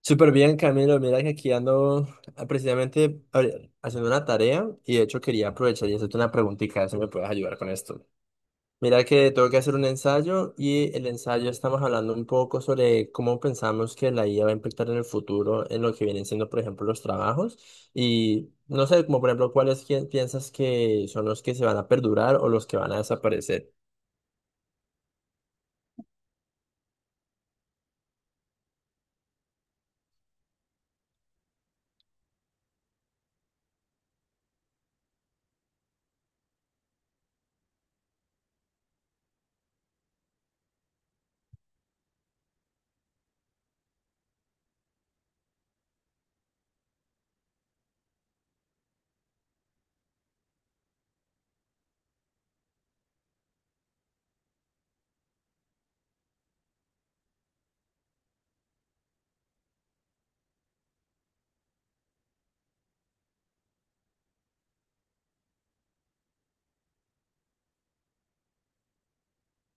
Súper bien, Camilo. Mira que aquí ando precisamente, a ver, haciendo una tarea, y de hecho quería aprovechar y hacerte una preguntita, a ver si me puedes ayudar con esto. Mira que tengo que hacer un ensayo, y el ensayo, estamos hablando un poco sobre cómo pensamos que la IA va a impactar en el futuro en lo que vienen siendo, por ejemplo, los trabajos, y no sé, como por ejemplo, cuáles, quién piensas que son los que se van a perdurar o los que van a desaparecer.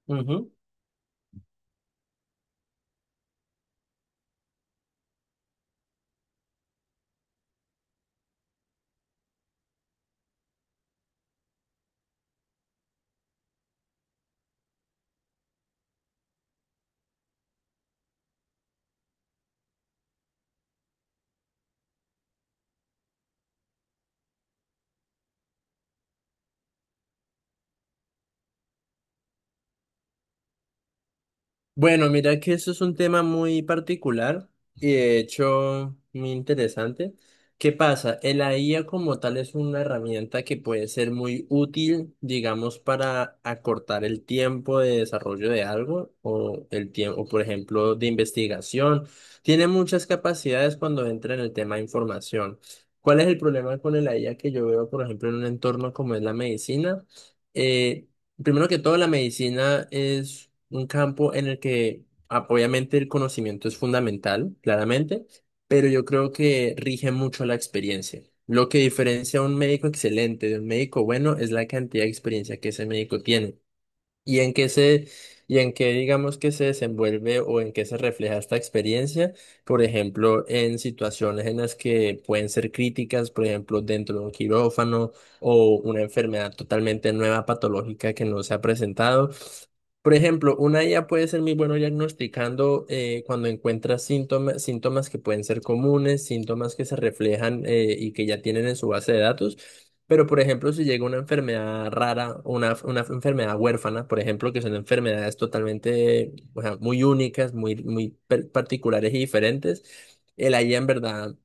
Ujú. Bueno, mira que eso es un tema muy particular y de hecho muy interesante. ¿Qué pasa? El la IA como tal es una herramienta que puede ser muy útil, digamos, para acortar el tiempo de desarrollo de algo o el tiempo, por ejemplo, de investigación. Tiene muchas capacidades cuando entra en el tema de información. ¿Cuál es el problema con el IA que yo veo, por ejemplo, en un entorno como es la medicina? eh Primero que todo, la medicina es un campo en el que obviamente el conocimiento es fundamental, claramente, pero yo creo que rige mucho la experiencia. Lo que diferencia a un médico excelente de un médico bueno es la cantidad de experiencia que ese médico tiene y en qué se, y en qué, digamos, que se desenvuelve o en qué se refleja esta experiencia, por ejemplo, en situaciones en las que pueden ser críticas, por ejemplo, dentro de un quirófano o una enfermedad totalmente nueva, patológica, que no se ha presentado. Por ejemplo, una IA puede ser muy bueno diagnosticando cuando encuentra síntomas, síntomas que pueden ser comunes, síntomas que se reflejan y que ya tienen en su base de datos. Pero, por ejemplo, si llega una enfermedad rara, una enfermedad huérfana, por ejemplo, que son enfermedades totalmente, o sea, muy únicas, muy, particulares y diferentes, el IA en verdad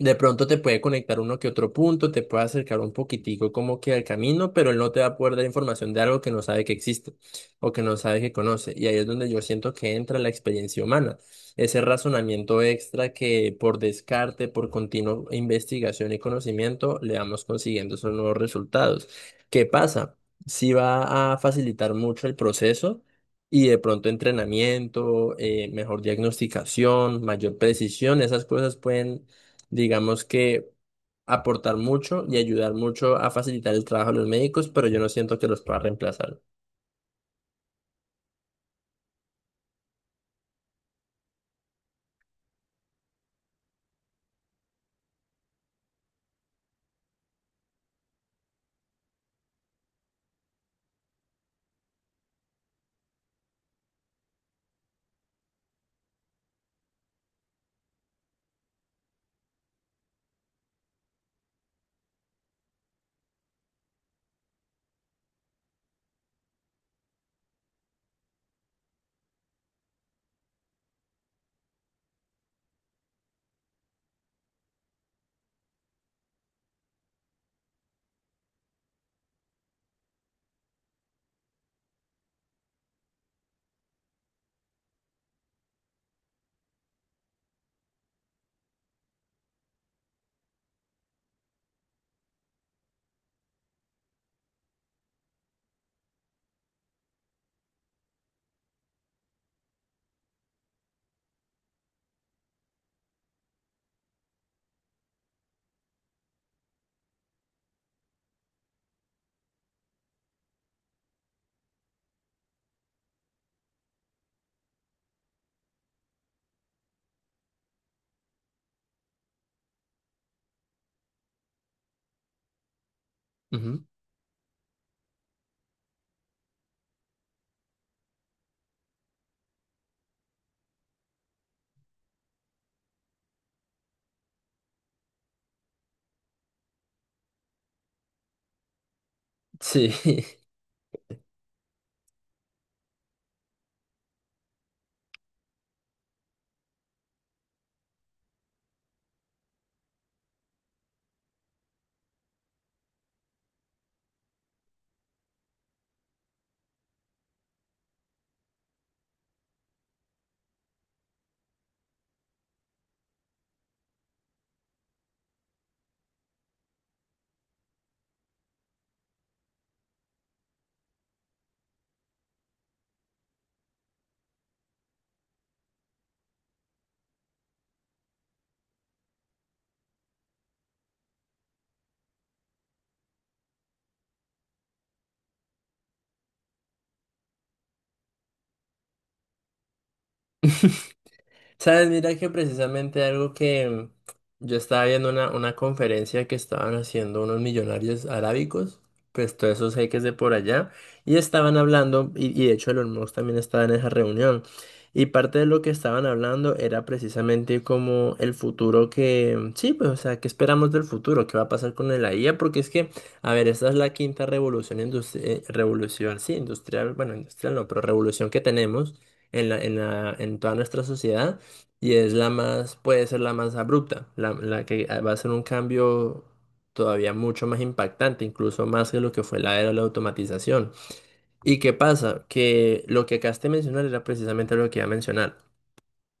de pronto te puede conectar uno que otro punto, te puede acercar un poquitico como que al camino, pero él no te va a poder dar información de algo que no sabe que existe o que no sabe que conoce. Y ahí es donde yo siento que entra la experiencia humana, ese razonamiento extra que por descarte, por continua investigación y conocimiento, le vamos consiguiendo esos nuevos resultados. ¿Qué pasa? Sí va a facilitar mucho el proceso. Y de pronto entrenamiento, mejor diagnosticación, mayor precisión, esas cosas pueden, digamos, que aportar mucho y ayudar mucho a facilitar el trabajo de los médicos, pero yo no siento que los pueda reemplazar. Ujú. Sí. Sabes, mira que precisamente algo que yo estaba viendo, una conferencia que estaban haciendo unos millonarios arábicos, pues todos esos jeques de por allá, y estaban hablando, y de hecho Elon Musk también estaba en esa reunión, y parte de lo que estaban hablando era precisamente como el futuro que, sí, pues, o sea, ¿qué esperamos del futuro? ¿Qué va a pasar con la IA? Porque es que, a ver, esta es la quinta revolución industrial, revolución, sí, industrial, bueno, industrial no, pero revolución que tenemos en en toda nuestra sociedad. Y es la más, puede ser la más abrupta, la que va a ser un cambio todavía mucho más impactante, incluso más que lo que fue la era de la automatización. ¿Y qué pasa? Que lo que acabaste de mencionar era precisamente lo que iba a mencionar.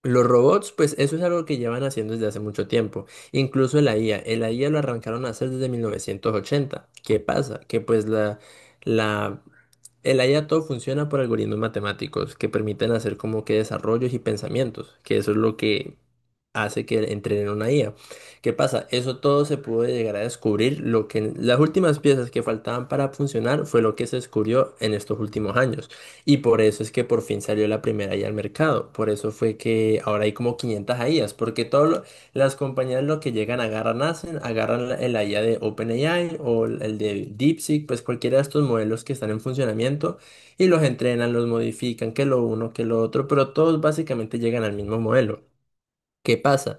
Los robots, pues eso es algo que llevan haciendo desde hace mucho tiempo. Incluso la IA, el IA lo arrancaron a hacer desde 1980. ¿Qué pasa? Que pues la, el IA todo funciona por algoritmos matemáticos que permiten hacer como que desarrollos y pensamientos, que eso es lo que hace que entrenen una IA. ¿Qué pasa? Eso todo se pudo llegar a descubrir. Lo que las últimas piezas que faltaban para funcionar fue lo que se descubrió en estos últimos años. Y por eso es que por fin salió la primera IA al mercado. Por eso fue que ahora hay como 500 IAs, porque todas las compañías lo que llegan, agarran, hacen, agarran el IA de OpenAI o el de DeepSeek, pues cualquiera de estos modelos que están en funcionamiento, y los entrenan, los modifican, que lo uno, que lo otro, pero todos básicamente llegan al mismo modelo. ¿Qué pasa?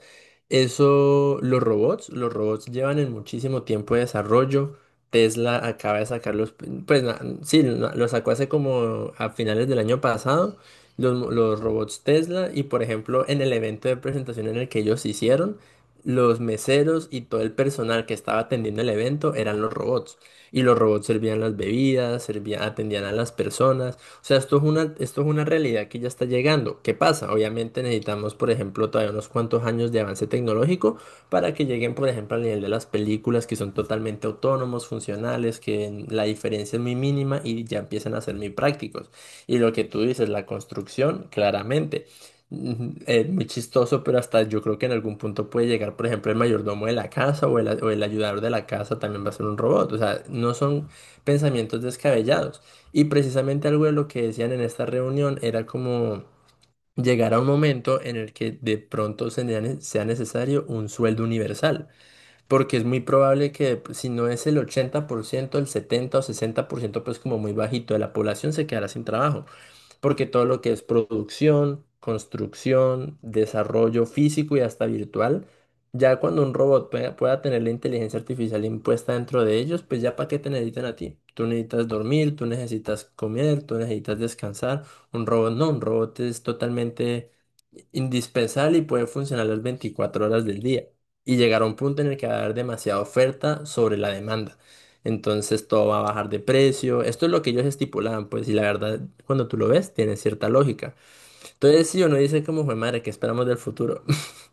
Eso, los robots llevan en muchísimo tiempo de desarrollo. Tesla acaba de sacarlos, pues sí, lo sacó hace como a finales del año pasado, los robots Tesla, y por ejemplo en el evento de presentación en el que ellos hicieron, los meseros y todo el personal que estaba atendiendo el evento eran los robots. Y los robots servían las bebidas, servían, atendían a las personas. O sea, esto es esto es una realidad que ya está llegando. ¿Qué pasa? Obviamente necesitamos, por ejemplo, todavía unos cuantos años de avance tecnológico para que lleguen, por ejemplo, al nivel de las películas que son totalmente autónomos, funcionales, que la diferencia es muy mínima y ya empiezan a ser muy prácticos. Y lo que tú dices, la construcción, claramente. Es muy chistoso, pero hasta yo creo que en algún punto puede llegar, por ejemplo, el mayordomo de la casa o el ayudador de la casa también va a ser un robot. O sea, no son pensamientos descabellados. Y precisamente algo de lo que decían en esta reunión era como llegar a un momento en el que de pronto sea necesario un sueldo universal, porque es muy probable que pues, si no es el 80%, el 70 o 60%, pues como muy bajito de la población se quedará sin trabajo, porque todo lo que es producción, construcción, desarrollo físico y hasta virtual, ya cuando un robot pueda tener la inteligencia artificial impuesta dentro de ellos, pues ya para qué te necesitan a ti. Tú necesitas dormir, tú necesitas comer, tú necesitas descansar. Un robot no, un robot es totalmente indispensable y puede funcionar las 24 horas del día. Y llegar a un punto en el que va a haber demasiada oferta sobre la demanda. Entonces todo va a bajar de precio. Esto es lo que ellos estipulaban, pues, y la verdad, cuando tú lo ves, tiene cierta lógica. Entonces, si uno dice como, "Jue madre, ¿qué esperamos del futuro?"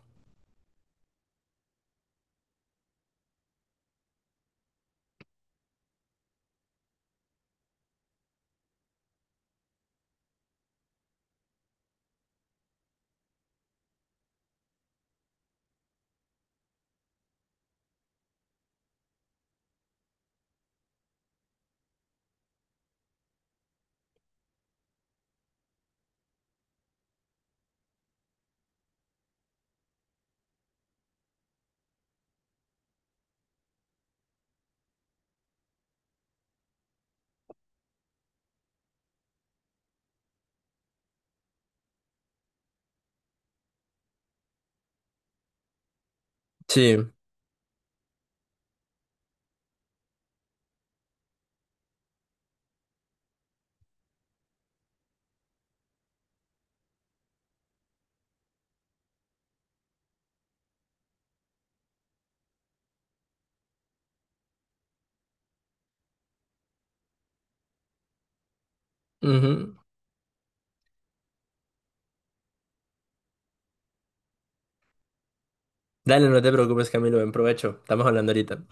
Sí. Ujú. Dale, no te preocupes, Camilo, buen provecho. Estamos hablando ahorita.